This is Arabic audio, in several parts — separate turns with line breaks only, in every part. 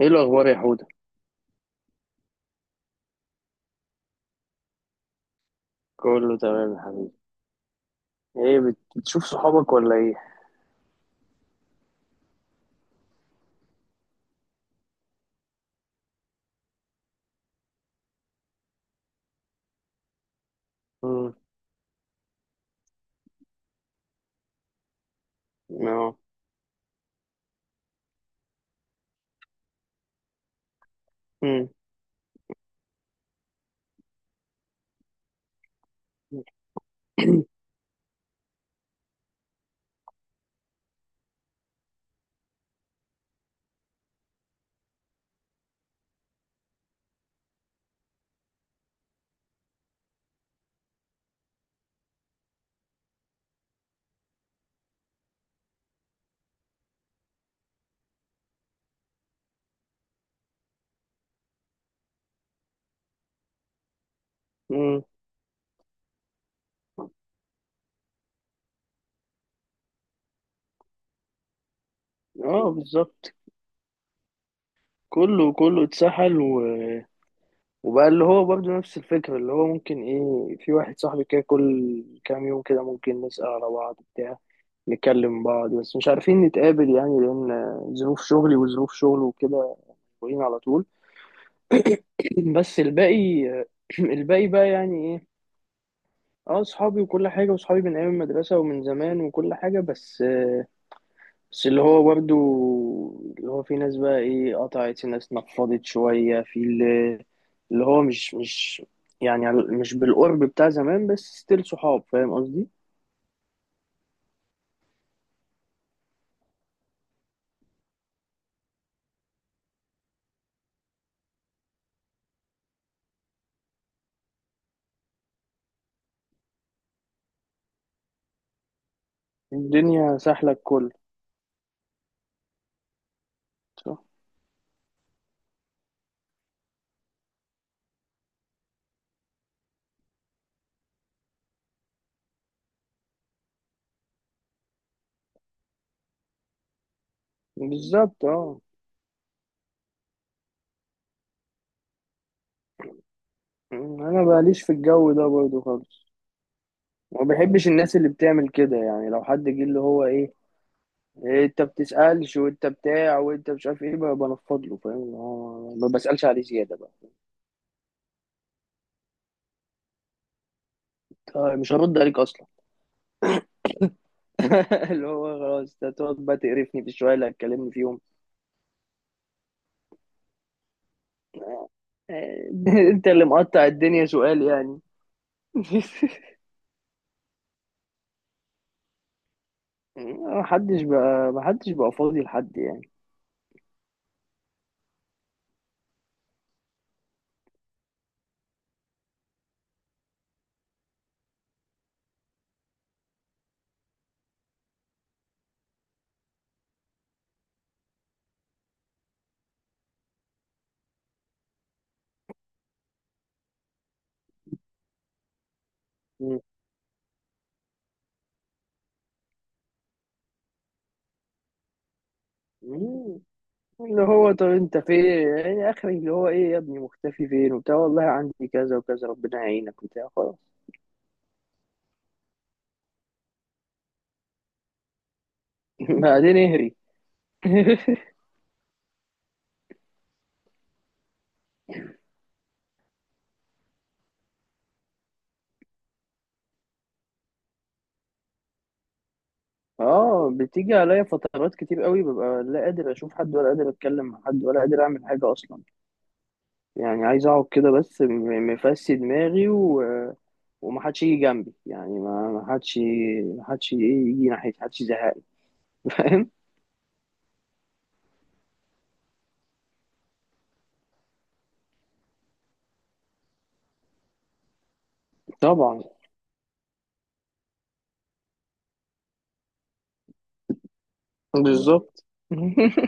ايه الاخبار يا حوده؟ كله تمام يا حبيبي. ايه بتشوف صحابك ولا ايه؟ امم. اه. امم. امم. اه، بالظبط. كله كله اتسحل، و... وبقى اللي هو برضه نفس الفكره اللي هو ممكن ايه في واحد صاحبي كده كل كام يوم كده ممكن نسأل على بعض بتاع، نكلم بعض بس مش عارفين نتقابل يعني لان ظروف شغلي وظروف شغله وكده، مشغولين على طول. بس الباقي الباقي بقى يعني ايه، اه صحابي وكل حاجة وصحابي من أيام المدرسة ومن زمان وكل حاجة بس. بس اللي هو برضه، اللي هو في ناس بقى ايه قطعت، في ناس نفضت شوية، اللي هو مش يعني مش بالقرب بتاع زمان، بس ستيل صحاب، فاهم قصدي. الدنيا سهلة الكل. صح. بالظبط، اه. أنا ماليش في الجو ده برضه خالص، وما بحبش الناس اللي بتعمل كده. يعني لو حد جه اللي هو ايه، إيه انت بتسألش وانت بتاع وانت مش عارف ايه بقى بنفض له، فاهم اللي هو ما بسألش عليه زيادة بقى. طيب مش هرد عليك اصلا. اللي هو خلاص انت هتقعد بقى تقرفني في الشوية اللي هتكلمني فيهم. آه، انت اللي مقطع الدنيا سؤال يعني. محدش بقى فاضي لحد يعني. مم. مم. اللي هو طب انت فين يعني اخري، اللي هو ايه يا ابني مختفي فين وبتاع، والله عندي كذا وكذا، ربنا يعينك وبتاع، خلاص. بعدين اهري. اه، بتيجي عليا فترات كتير قوي ببقى لا قادر اشوف حد، ولا قادر اتكلم مع حد، ولا قادر اعمل حاجه اصلا. يعني عايز اقعد كده، بس مفسي دماغي، و... ومحدش يجي جنبي يعني، ما محدش، محدش ايه يجي ناحيتي، محدش يزهقني. فاهم. طبعا. بالظبط.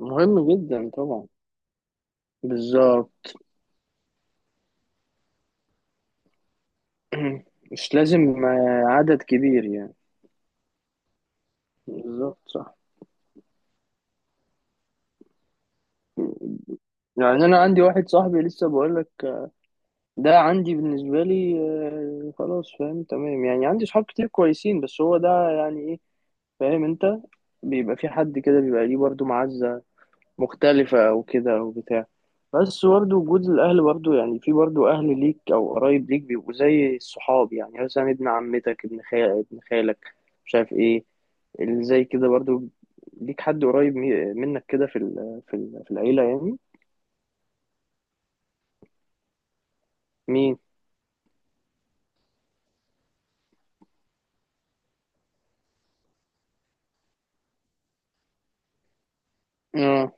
مهم جدا طبعا. بالظبط. مش لازم عدد كبير يعني. بالظبط، صح. يعني انا عندي واحد صاحبي، لسه بقول لك ده عندي بالنسبة لي. خلاص فاهم، تمام يعني، عندي صحاب كتير كويسين، بس هو ده يعني ايه، فاهم انت، بيبقى في حد كده بيبقى ليه برضه معزة مختلفة او كده او بتاع. بس برضه وجود الاهل، برضه يعني في برضه اهل ليك او قرايب ليك بيبقوا زي الصحاب، يعني مثلا ابن عمتك، ابن خالك، مش عارف ايه، اللي زي كده برضه ليك حد قريب منك كده في في العيلة يعني. مين؟ اه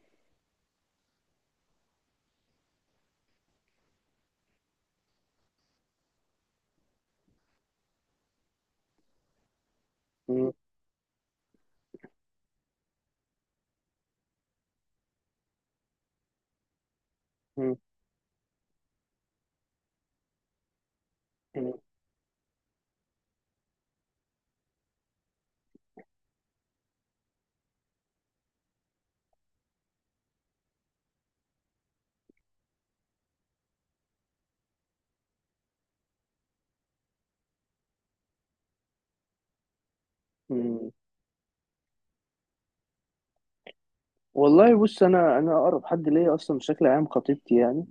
والله بص، انا اقرب حد ليا اصلا بشكل عام خطيبتي يعني،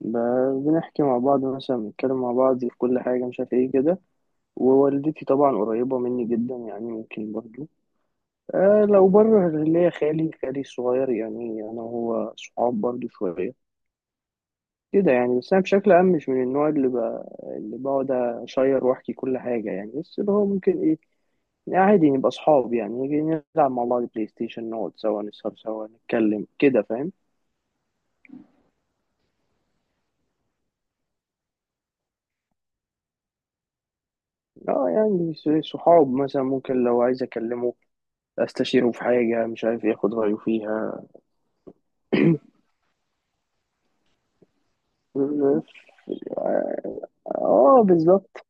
بنحكي مع بعض، مثلا بنتكلم مع بعض في كل حاجه، مش عارف ايه كده. ووالدتي طبعا قريبه مني جدا يعني، ممكن برضو آه لو بره اللي هي خالي الصغير، يعني انا وهو صحاب برضو شويه كده يعني. بس انا بشكل عام مش من النوع اللي اللي بقعد اشير واحكي كل حاجه يعني، بس اللي هو ممكن ايه، يعني عادي نبقى صحاب، يعني نيجي نلعب مع بعض بلاي ستيشن، نقعد سوا، نسهر سوا، نتكلم كده، فاهم. اه يعني صحاب، مثلا ممكن لو عايز اكلمه، استشيره في حاجة، مش عارف ياخد رأيه فيها. اه بالظبط.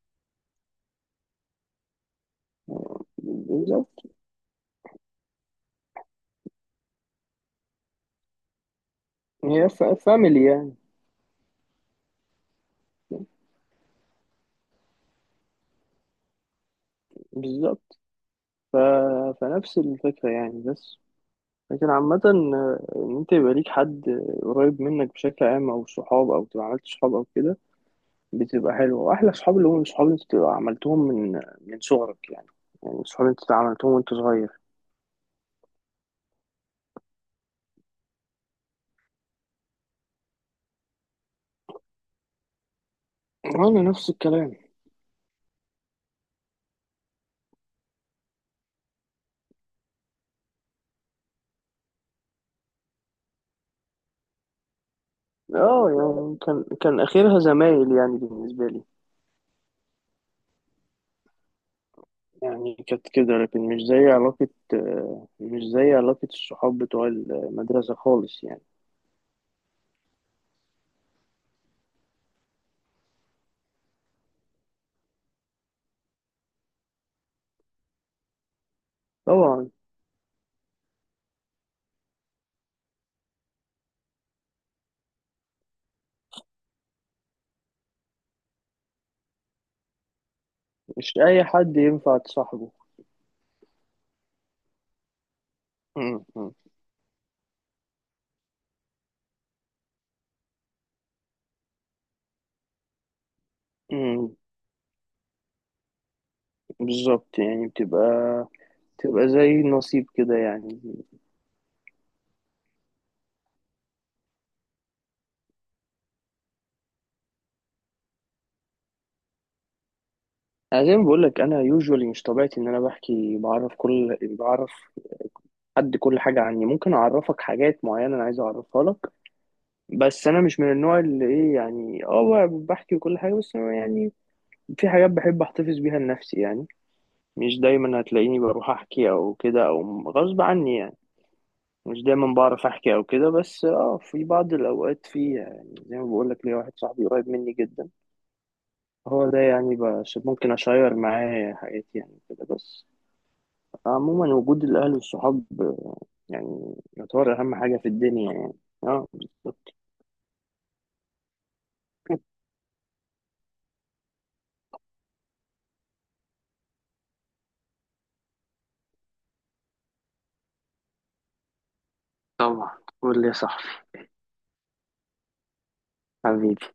بالظبط. هي فاميلي يعني. بالظبط. ف... فنفس الفكرة يعني. بس لكن عامة، إن أنت يبقى ليك حد قريب منك بشكل عام، أو صحاب، أو تبقى عملت صحاب أو كده، بتبقى حلوة. وأحلى صحاب اللي هم الصحاب اللي أنت بتبقى عملتهم من صغرك يعني، يعني صحاب أنت عملتهم وأنت صغير. وأنا نفس الكلام. اه يعني كان اخرها زمايل يعني بالنسبه لي، يعني كانت كده لكن مش زي علاقه، مش زي علاقه الصحاب بتوع المدرسه خالص يعني. طبعا. مش اي حد ينفع تصاحبه. م- م- م- بالظبط يعني بتبقى زي النصيب كده يعني. انا زي ما بقول لك، انا يوجوالي مش طبيعتي ان انا بحكي، بعرف حد كل حاجه عني، ممكن اعرفك حاجات معينه انا عايز اعرفها لك، بس انا مش من النوع اللي ايه يعني، اه بحكي وكل حاجه، بس أنا يعني في حاجات بحب احتفظ بيها لنفسي يعني. مش دايما هتلاقيني بروح احكي او كده او غصب عني يعني، مش دايما بعرف احكي او كده. بس اه في بعض الاوقات، في يعني زي ما بقول لك ليا واحد صاحبي قريب مني جدا، هو ده يعني. بس ممكن اشير معاه حياتي يعني كده بس. عموما وجود الاهل والصحاب يعني يعتبر اهم حاجه في الدنيا يعني. اه طبعا. قول لي يا صاحبي. حبيبي.